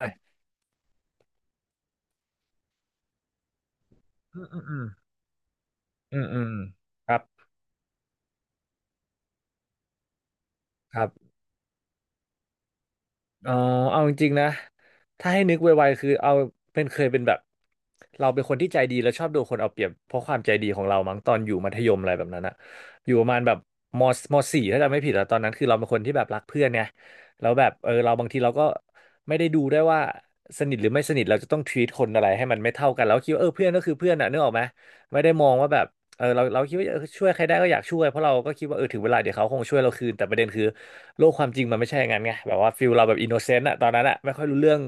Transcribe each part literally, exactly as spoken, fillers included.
อืมอืมอืมอืมอืมครับครับเอ๋อเอาจริงๆนะถ้าให้นึกไวๆคือเอาเป็นเคยเป็นแบบ เราเป็นคนที่ใจดีแล้วชอบโดนคนเอาเปรียบเพราะความใจดีของเรามั้งตอนอยู่มัธยมอะไรแบบนั้นอะอยู่ประมาณแบบมมสี่ถ้าจำไม่ผิดอะตอนนั้น คือเราเป็นคนที่แบบรักเพื่อนไงแล้วแบบเออเราบางทีเราก็ไม่ได้ดูได้วยว่าสนิทหรือไม่สนิทเราจะต้อง treat คนอะไรให้มันไม่เท่ากันแล้วคิดว่าเออเพื่อนก็คือเพื่อนอะนึกออกไหมไม่ได้มองว่าแบบ เออเราเราคิดว่าเออช่วยใครได้ก็อยากช่วยเพราะเราก็คิดว่าเออถึงเวลาเดี๋ยวเขาคงช่วยเราคืนแต่ประเด็นคือโลกความจริงมันไม่ใช่อย่างนั้นไงแบบว่าฟิลเราแบบอินโนเซนต์อะตอนนั้นอะไม่ค่อยรู้เรื่อง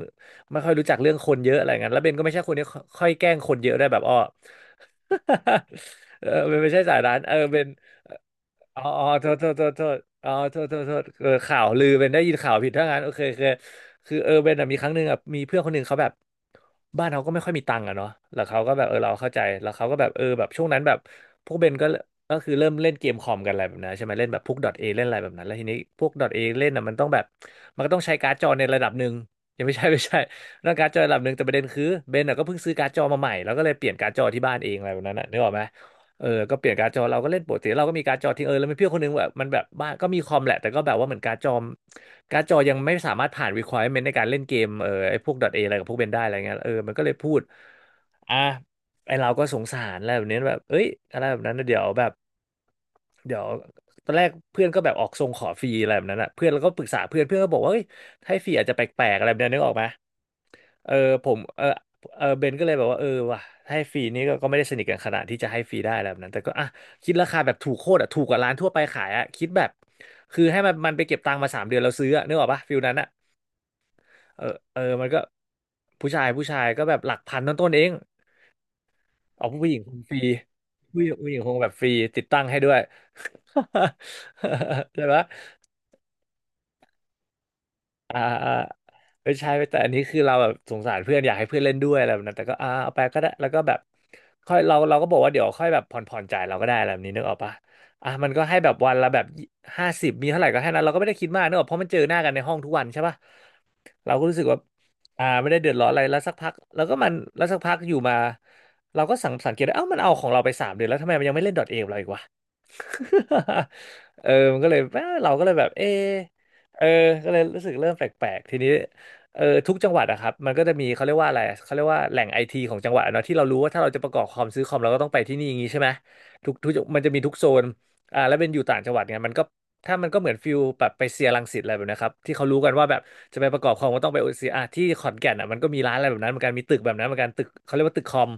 ไม่ค่อยรู้จักเรื่องคนเยอะอะไรเงี้ยแล้วเบนก็ไม่ใช่คนที่ค่อยแกล้งคนเยอะได้วยแบบอ้อ เออเบนไม่ใช่สายนั้นเออเบนอ๋ออ๋อโทษโทษโทษโทษอ๋อโทษโทษโทษเออข่าวลือเบนได้ยินข่าวผิดถ้างั้นโอเคโอเคคือเออเบนอะมีครั้งหนึ่งอะมีเพื่อนคนหนึ่งเขาแบบ บ้านเขาก็ไม่ค่อยมีตังค์อะเนาะแล้วเขาก็แบบเออเราเข้าใจแล้วเขาก็แบบเออแบบช่วงนั้นแบบพวกเบนก็ก็คือเริ่มเล่นเกมคอมกันอะไรแบบนั้นใช่ไหมเล่นแบบพวก .a เล่นอะไรแบบนั้นแล้วทีนี้พวก .a เล่นอ่ะมันต้องแบบมันก็ต้องใช้การ์ดจอในระดับหนึ่งยังไม่ใช่ไม่ใช่ ต้องการ์ดจอระดับหนึ่งแต่ประเด็นคือเบนอ่ะก็เพิ่งซื้อการ์ดจอมาใหม่แล้วก็เลยเปลี่ยนการ์ดจอที่บ้านเองอะไรแบบนั้นนะนึกออกไหม เออก็เปลี่ยนการ์ดจอเราก็เล่นปกติเราก็มีการ์ดจอทิ้งเออแล้วมีเพื่อนคนนึงแบบมันแบบบ้านก็มีคอมแหละแต่ก็แบบว่าเหมือนการ์ดจอมการ์ดจอยังไม่สามารถผ่าน requirement ในการเล่นเกมเออไอ้พวก .a อะไรกับพวกเบนได้อะไรเงี้ยเออมันก็เลยพูดอ่ะไอ้เราก็สงสารอะไรแบบนี้แบบเอ้ยอะไรแบบนั้นนะเดี๋ยวแบบเดี๋ยวตอนแรกเพื่อนก็แบบออกทรงขอฟรีอะไรแบบนั้นอ่ะเพื่อนแล้วก็ปรึกษาเพื่อนเพื่อนก็บอกว่าเฮ้ยให้ฟรีอาจจะแปลกๆอะไรแบบนี้นึกออกไหม เออผมเออเออเบนก็เลยแบบว่าเออว่ะให้ฟรีนี่ก็ก็ไม่ได้สนิทกันขนาดที่จะให้ฟรีได้อะไรแบบนั้นแต่ก็อ่ะคิดราคาแบบถูกโคตรอ่ะถูกกว่าร้านทั่วไปขายอ่ะคิดแบบคือให้มันมันไปเก็บตังค์มาสามเดือนเราซื้ออ่ะนึกออกปะฟิลนั้นอ่ะเออเออมันก็ผู้ชายผู้ชายก็แบบหลักพันต้นๆเองเอาผู้หญิงคงฟรีผู้หญิงผู้หญิงคงแบบฟรีติดตั้งให้ด้วย ใช่ปะ อ่าอ่าไม่ใช่แต่อันนี้คือเราแบบสงสารเพื่อนอยากให้เพื่อนเล่นด้วยอะไรแบบนั้นแต่ก็อ่าเอาไปก็ได้แล้วก็แบบค่อยเราเราก็บอกว่าเดี๋ยวค่อยแบบผ่อนผ่อนจ่ายเราก็ได้อะไรแบบนี้นึกออกปะอ่ะมันก็ให้แบบวันละแบบห้าสิบมีเท่าไหร่ก็ให้นั้นเราก็ไม่ได้คิดมากนึกออกเพราะมันเจอหน้ากันในห้องทุกวันใช่ปะเราก็รู้สึกว่าอ่าไม่ได้เดือดร้อนอะไรแล้วสักพักแล้วก็มันแล้วสักพักอยู่มาเราก็สังสังเกตได้เอ้ามันเอาของเราไปสามเดือนแล้วทำไมมันยังไม่เล่นดอทเอเราอีกวะ เออมันก็เลยเอ้อเราก็เลยแบบเออเออก็เลยรู้สึกเริ่มแปลกๆทีนี้เออทุกจังหวัดอะครับมันก็จะมีเขาเรียกว่าอะไรเขาเรียกว่าแหล่งไอทีของจังหวัดอะเนาะที่เรารู้ว่าถ้าเราจะประกอบคอมซื้อคอมเราก็ต้องไปที่นี่อย่างงี้ใช่ไหมทุกทุกมันจะมีทุกโซนอ่าแล้วเป็นอยู่ต่างจังหวัดเนี่ยมันก็ถ้ามันก็เหมือนฟิลแบบไปเซียรังสิตอะไรแบบนะครับที่เขารู้กันว่าแบบจะไปประกอบคอมก็ต้องไปโอเซียอ่ะที่ขอนแก่นอ่ะมันก็มีร้านอะไรแบบนั้นเหมือนกันมีตึกแบบนั้นเหมือนกันตึกเขาเรียกว่าตึกคอม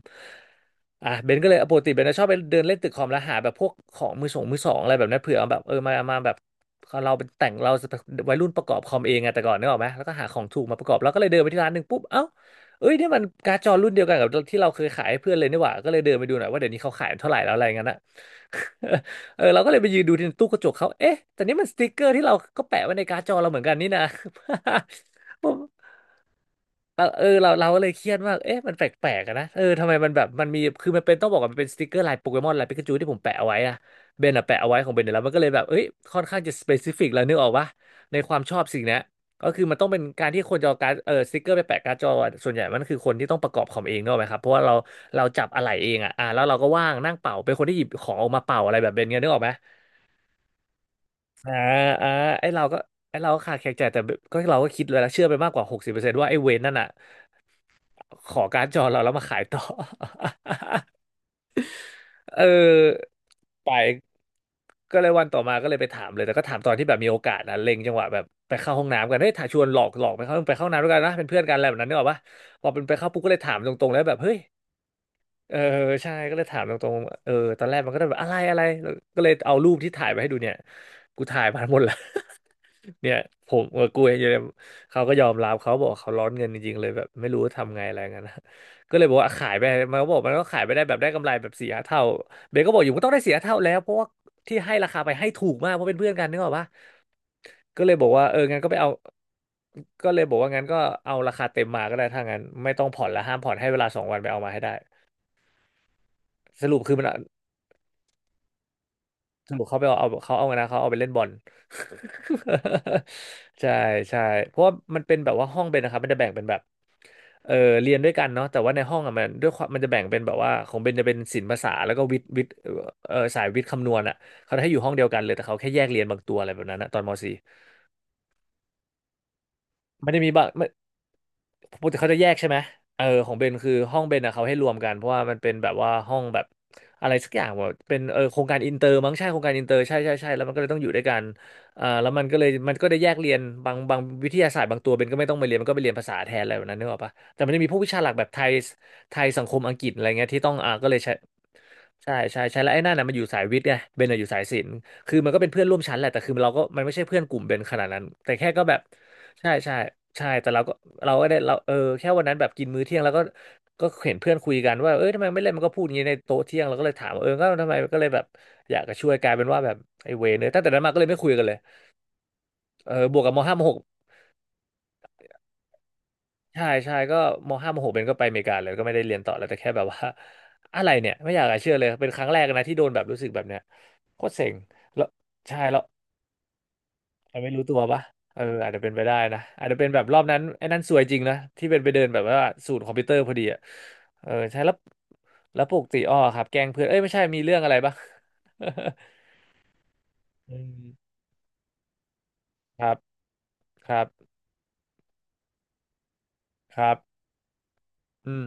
อ่ะเบนก็เลยปกติเบนจะชอบไปเดินเล่นตึกคอมแล้วหาแบบพวกของมือสองมือสองอะไรแบบนั้นเผื่อเอาแบบเออมามาแบบเราเป็นแต่งเราวัยรุ่นประกอบคอมเองไงแต่ก่อนนึกออกไหมแล้วก็หาของถูกมาประกอบแล้วก็เลยเดินไปที่ร้านหนึ่งปุ๊บเอ้าเอ้ยนี่มันการ์ดจอรุ่นเดียวกันกับที่เราเคยขายให้เพื่อนเลยนี่หว่าก็เลยเดินไปดูหน่อยว่าเดี๋ยวนี้เขาขายเท่าไหร่แล้วอะไรเงี้ยนะ เออเราก็เลยไปยืนดูที่ตู้กระจกเขาเอ๊ะแต่นี่มันสติ๊กเกอร์ที่เราก็แปะไว้ในการ์ดจอเราเหมือนกันนี่นะ เราเออเราเราก็เลยเครียดว่าเอ๊ะมันแปลกๆอะนะเออทำไมมันแบบมันมีคือมันเป็นต้องบอกว่ามันเป็นสติกเกอร์ลายโปเกมอนลายปิกาจูที่ผมแปะเอาไว้อะเบนอะแปะเอาไว้ของเบนเนี่ยแล้วมันก็เลยแบบเอ้ยค่อนข้างจะสเปซิฟิกแล้วนึกออกปะในความชอบสิ่งเนี้ยก็คือมันต้องเป็นการที่คนจะเอาการดเออสติกเกอร์ไปแปะการ์ดจออะส่วนใหญ่มันคือคนที่ต้องประกอบคอมเองเนกอะไหมครับเพราะว่าเราเราจับอะไหล่เองอะอ่าแล้วเราก็ว่างนั่งเป่าเป็นคนที่หยิบของออกมาเป่าอะไรแบบเบนเงี้ยนึกออกไหมอ่าอ่าไอเราก็ไอเราก็ขาดแคลนใจแต่ก็เราก็คิดเลยแล้วเชื่อไปมากกว่าหกสิบเปอร์เซ็นต์ว่าไอเวนนั่นอ่ะ ขอการ์ดจอเราแล้วมาขายต่อ เออไปก็เลยวันต่อมาก็เลยไปถามเลยแต่ก็ถามตอนที่แบบมีโอกาสนะเล็งจังหวะแบบไปเข้าห้องน้ำกันเฮ้ยถ้าชวนหลอกหลอกไปเข้าไปเข้าห้องน้ำด้วยกันนะเป็นเพื่อนกันอะไรแบบนั้นเนี่ยหรอปะพอเป็นไปเข้าปุ๊บก็เลยถามตรงๆแล้วแบบเฮ้ยเออใช่ก็เลยถามตรงๆเออตอนแรกมันก็ได้แบบอะไรอะไรแล้วก็เลยเอารูปที่ถ่ายไปให้ดูเนี่ยกูถ่ายมาหมดแล้ว เนี่ยผมกับกูเองอยู่เนี่ยเขาก็ยอมรับเขาบอกเขาร้อนเงินจริงๆเลยแบบไม่รู้ทำไงอะไรเงี้ยนะ ก็เลยบอกว่าขายไปมันก็บอกมันก็ขายไปได้แบบได้กำไรแบบสี่ห้าเท่าเบนก็บอกอยู่มันต้องได้สี่ห้าเท่าแล้วเพราะว่าที่ให้ราคาไปให้ถูกมากเพราะเป็นเพื่อนกันนึกออกปะก็เลยบอกว่าเอองั้นก็ไปเอาก็เลยบอกว่างั้นก็เอาราคาเต็มมาก็ได้ถ้างั้นไม่ต้องผ่อนละห้ามผ่อนให้เวลาสองวันไปเอามาให้ได้สรุปคือมัน สรุปเขาไปเอาเอาเขาเอาไงนะเขาเอาไปเล่นบอล ใช่ใช่เพราะว่ามันเป็นแบบว่าห้องเป็นนะครับมันจะแบ่งเป็นแบบเออเรียนด้วยกันเนาะแต่ว่าในห้องอ่ะมันด้วยความมันจะแบ่งเป็นแบบว่าของเบนจะเป็นศิลป์ภาษาแล้วก็วิทย์วิทย์เออสายวิทย์คำนวณอ่ะเขาจะให้อยู่ห้องเดียวกันเลยแต่เขาแค่แยกเรียนบางตัวอะไรแบบนั้นนะตอนม .สี่ ไม่ได้มีบาง ปกติเขาจะแยกใช่ไหมเออของเบนคือห้องเบนอะเขาให้รวมกันเพราะว่ามันเป็นแบบว่าห้องแบบอะไรสักอย่างว่าเป็นเออโครงการอินเตอร์มั้งใช่โครงการอินเตอร์ใช่ใช่ใช่แล้วมันก็เลยต้องอยู่ด้วยกันเอ่าแล้วมันก็เลยมันก็ได้แยกเรียนบางบางวิทยาศาสตร์บางตัวเบนก็ไม่ต้องไปเรียนมันก็ไปเรียนภาษาแทนอะไรแบบนั้นนึกออกปะแต่มันจะมีพวกวิชาหลักแบบไทยไทยสังคมอังกฤษอะไรเงี้ยที่ต้องอ่าก็เลยใช้ใช่ใช่ใช่แล้วไอ้นั่นน่ะมันอยู่สายวิทย์ไงเบนน่ะอยู่สายศิลป์คือมันก็เป็นเพื่อนร่วมชั้นแหละแต่คือเราก็มันไม่ใช่เพื่อนกลุ่มเบนขนาดนั้นแต่แค่ก็แบบใช่ใช่ใช่แต่เราก็ เราก็ได้เราเออแค่วันนั้นแบบกินมื้อเที่ยงแล้วก็ก็เห็นเพื่อนคุยกันว่าเอ้ยทำไมไม่เล่นมันก็พูดอย่างนี้ในโต๊ะเที่ยงเราก็เลยถามว่าเออก็ทำไมก็เลยแบบอยากจะช่วยกลายเป็นว่าแบบไอ้เวรเนี่ยตั้งแต่นั้นมาก็เลยไม่คุยกันเลยเออบวกกับมห้ามหกใช่ใช่ก็มห้ามหกเป็นก็ไปอเมริกาเลยก็ไม่ได้เรียนต่อแล้วแต่แค่แบบว่าอะไรเนี่ยไม่อยากจะเชื่อเลยเป็นครั้งแรกนะที่โดนแบบรู้สึกแบบเนี้ยโคตรเซ็งแล้วใช่แล้ว มันไม่รู้ตัวปะเอออาจจะเป็นไปได้นะอาจจะเป็นแบบรอบนั้นไอ้นั่นซวยจริงนะที่เป็นไปเดินแบบว่าสูตรคอมพิวเตอร์พอดีอ่ะเออใช่แล้วแล้วปกติอ้อครับแกล้งเพื่อนเอ้ยไม่ใช่มีเรื่องอะไรบ้าง อืมครับครับครับอืม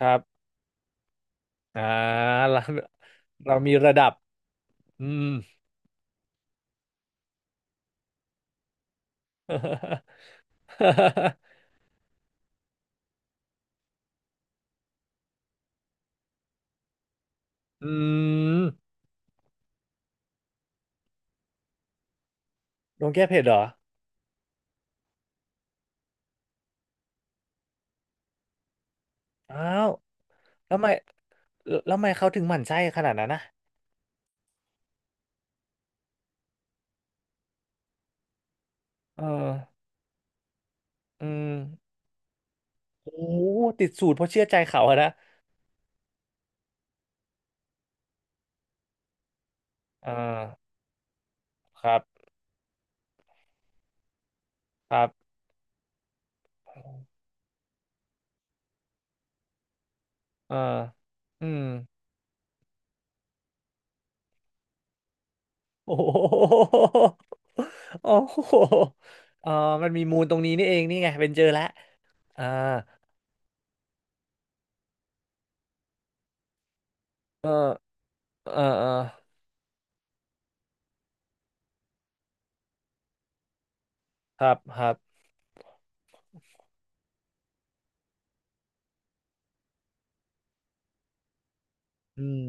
ครับอ่าเราเรามีระดับอืม อืมโดนแก้เผ็ดเหรออ้าวแล้วทำไมแล้วทำไมเขาถึงหมั่นไส้ขนาดนั้นนะเอออืม โอ้ติดสูตรเพราะเชื่อใจเขาอะนะอ่าครับครับอ่าอืมโอ้โหโอ้โหเออมันมีมูลตรงนี้นี่เองนี่ไงเป็นเจอแล้วอ่าเออเออเออครับครับอืม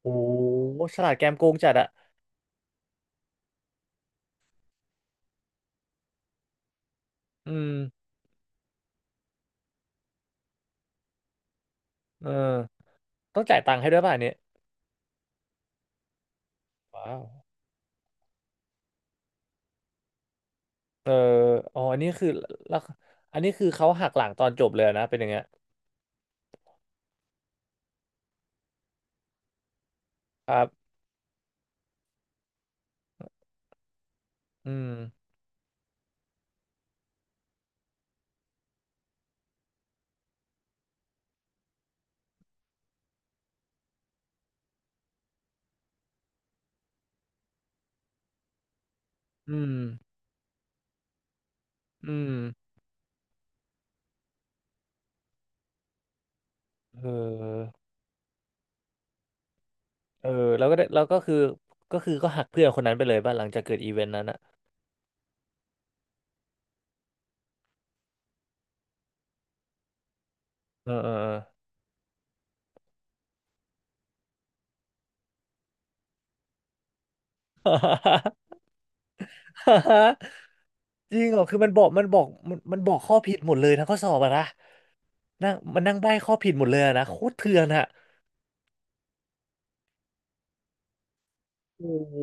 โอ้โหฉลาดแกมโกงจัดอะอืมเออต้องจ่ายตังค์ให้ด้วยป่ะอันเนี่ยว้าวเอออ๋ออันนี้คือแล้วอันนี้คือเขาหักหลังตอนจบเลยนะเป็นอย่างเงี้ยครับอืมอืมอืมเออ เออแล้วก็ได้แล้วก็คือก็คือก็หักเพื่อนคนนั้นไปเลยป่ะหลังจากเกิดอีเวนต์นั้นอะเออเออเออ จริงเหรอคือมันบอกมันบอกมันมันบอกข้อผิดหมดเลยทั้งข้อสอบอะนะนั่งมันนั่งใบ้ข้อผิดหมดเลยอะนะโคตรเถื่อนอะโอ้โห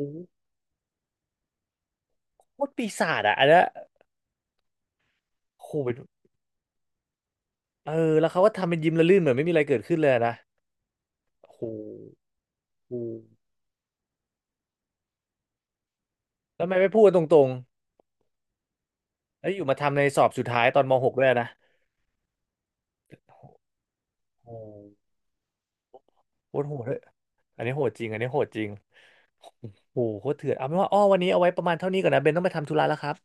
โคตรปีศาจอะอันเนี้ยโอ้โหเป็นเออแล้วเขาก็ทำเป็นยิ้มละลื่นเหมือนไม่มีอะไรเกิดขึ้นเลยอะนะโอ้โหโอ้โหแล้วทำไมไม่พูดตรงๆแล้วอยู่มาทำในสอบสุดท้ายตอนม .หก ด้วยอะนะโอ้ โคตรโหดเลยอันนี้โหดจริง อันนี้โหดจริงโอ้โหโคตรเถื่อนเอาเป็นว่าอ้อวันนี้เอาไว้ประมาณเท่านี้ก่อนนะเบนต้องไปทำธุระแล้วครับ